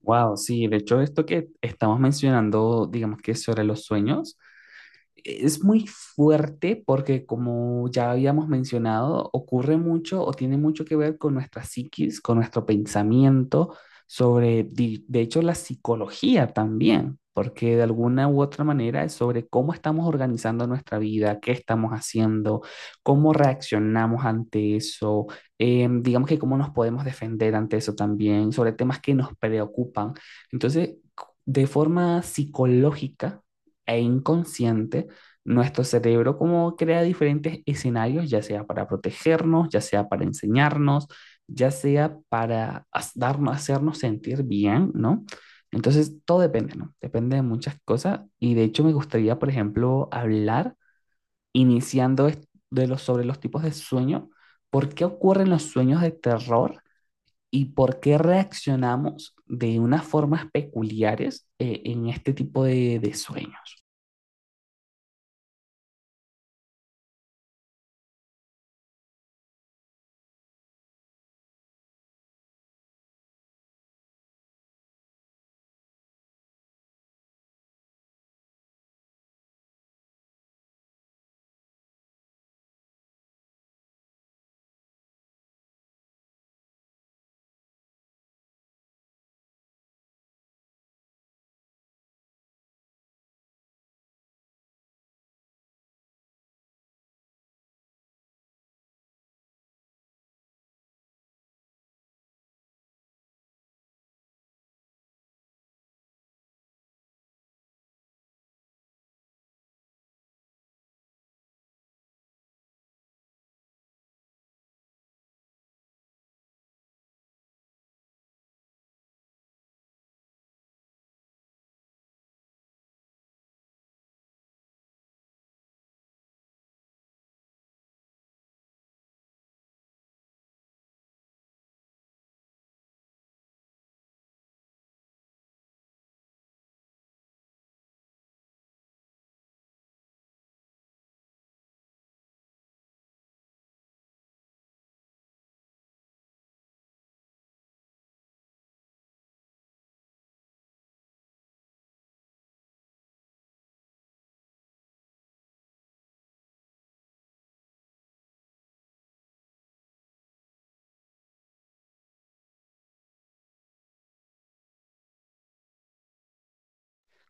Wow, sí, de hecho esto que estamos mencionando, digamos que sobre los sueños, es muy fuerte porque, como ya habíamos mencionado, ocurre mucho o tiene mucho que ver con nuestra psiquis, con nuestro pensamiento sobre, de hecho, la psicología también, porque de alguna u otra manera es sobre cómo estamos organizando nuestra vida, qué estamos haciendo, cómo reaccionamos ante eso, digamos que cómo nos podemos defender ante eso también, sobre temas que nos preocupan. Entonces, de forma psicológica e inconsciente, nuestro cerebro como crea diferentes escenarios, ya sea para protegernos, ya sea para enseñarnos, ya sea para darnos, hacernos sentir bien, ¿no? Entonces, todo depende, ¿no? Depende de muchas cosas y de hecho me gustaría, por ejemplo, hablar iniciando es- de los, sobre los tipos de sueño, por qué ocurren los sueños de terror y por qué reaccionamos de unas formas peculiares en este tipo de sueños.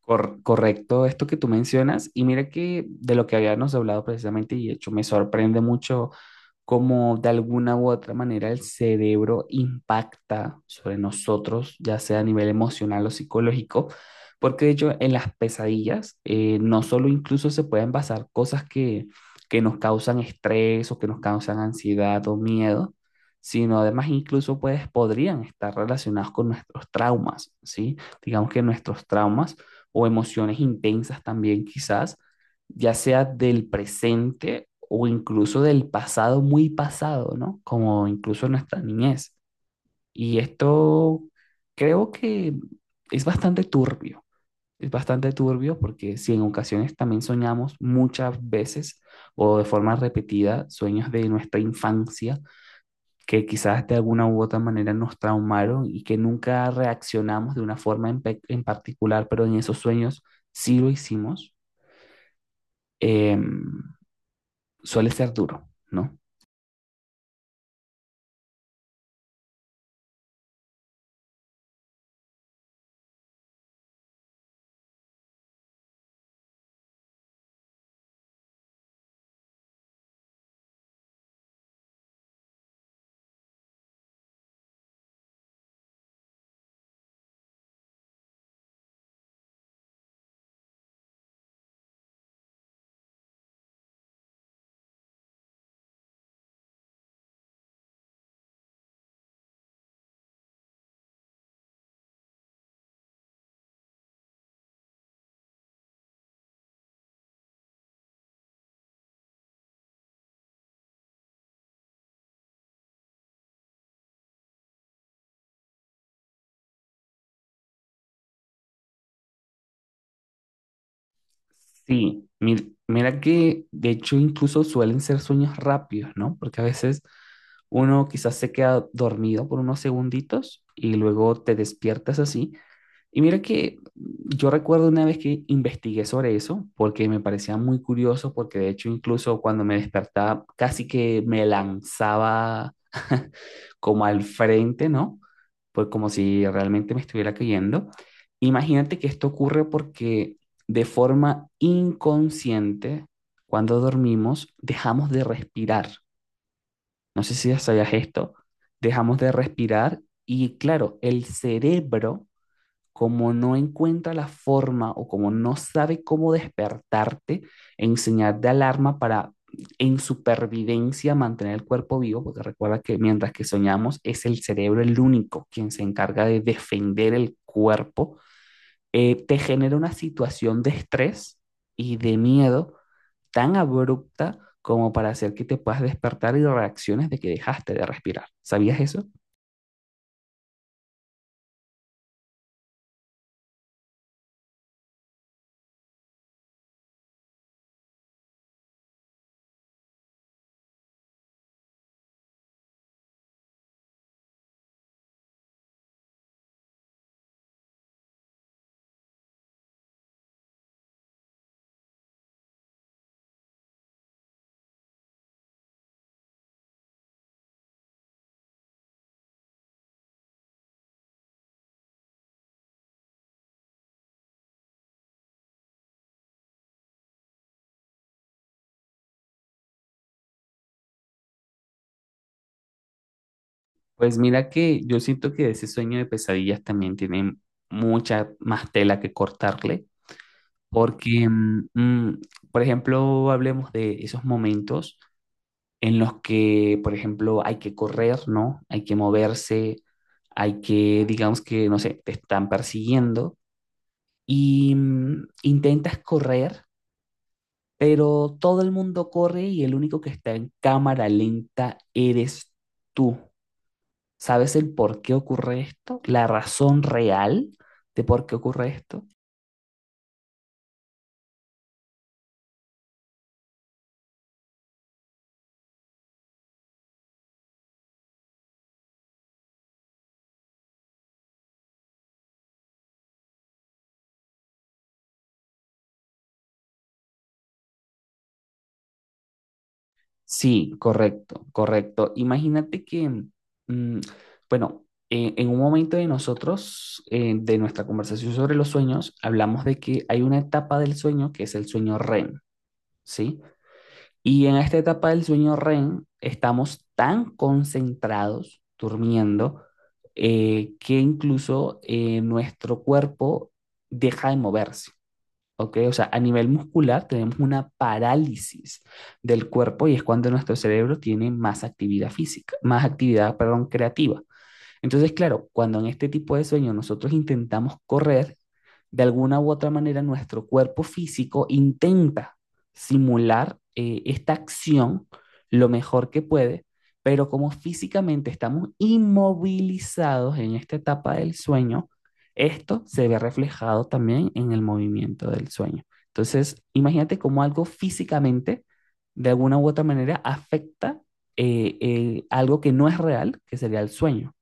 Correcto esto que tú mencionas. Y mira que de lo que habíamos hablado precisamente, y de hecho me sorprende mucho como de alguna u otra manera el cerebro impacta sobre nosotros, ya sea a nivel emocional o psicológico, porque de hecho en las pesadillas no solo incluso se pueden basar cosas que nos causan estrés o que nos causan ansiedad o miedo, sino además incluso pues, podrían estar relacionados con nuestros traumas, ¿sí? Digamos que nuestros traumas o emociones intensas también quizás ya sea del presente o incluso del pasado muy pasado, ¿no? Como incluso nuestra niñez. Y esto creo que es bastante turbio, es bastante turbio porque si en ocasiones también soñamos muchas veces o de forma repetida sueños de nuestra infancia que quizás de alguna u otra manera nos traumaron y que nunca reaccionamos de una forma en, en particular, pero en esos sueños sí lo hicimos. em, Suele ser duro, ¿no? Sí, mira que de hecho incluso suelen ser sueños rápidos, ¿no? Porque a veces uno quizás se queda dormido por unos segunditos y luego te despiertas así. Y mira que yo recuerdo una vez que investigué sobre eso porque me parecía muy curioso porque de hecho incluso cuando me despertaba casi que me lanzaba como al frente, ¿no? Pues como si realmente me estuviera cayendo. Imagínate que esto ocurre porque de forma inconsciente, cuando dormimos, dejamos de respirar. No sé si ya sabías esto. Dejamos de respirar y claro, el cerebro como no encuentra la forma o como no sabe cómo despertarte en señal de alarma para en supervivencia mantener el cuerpo vivo, porque recuerda que mientras que soñamos es el cerebro el único quien se encarga de defender el cuerpo, te genera una situación de estrés y de miedo tan abrupta como para hacer que te puedas despertar y reacciones de que dejaste de respirar. ¿Sabías eso? Pues mira que yo siento que ese sueño de pesadillas también tiene mucha más tela que cortarle, porque, por ejemplo, hablemos de esos momentos en los que, por ejemplo, hay que correr, ¿no? Hay que moverse, hay que, digamos que, no sé, te están persiguiendo y intentas correr, pero todo el mundo corre y el único que está en cámara lenta eres tú. ¿Sabes el por qué ocurre esto? ¿La razón real de por qué ocurre esto? Sí, correcto, correcto. Imagínate que, mm, bueno, en un momento de nosotros, de nuestra conversación sobre los sueños, hablamos de que hay una etapa del sueño que es el sueño REM, ¿sí? Y en esta etapa del sueño REM estamos tan concentrados durmiendo que incluso nuestro cuerpo deja de moverse. ¿Ok? O sea, a nivel muscular tenemos una parálisis del cuerpo y es cuando nuestro cerebro tiene más actividad física, más actividad, perdón, creativa. Entonces, claro, cuando en este tipo de sueño nosotros intentamos correr, de alguna u otra manera nuestro cuerpo físico intenta simular esta acción lo mejor que puede, pero como físicamente estamos inmovilizados en esta etapa del sueño, esto se ve reflejado también en el movimiento del sueño. Entonces, imagínate cómo algo físicamente, de alguna u otra manera, afecta algo que no es real, que sería el sueño.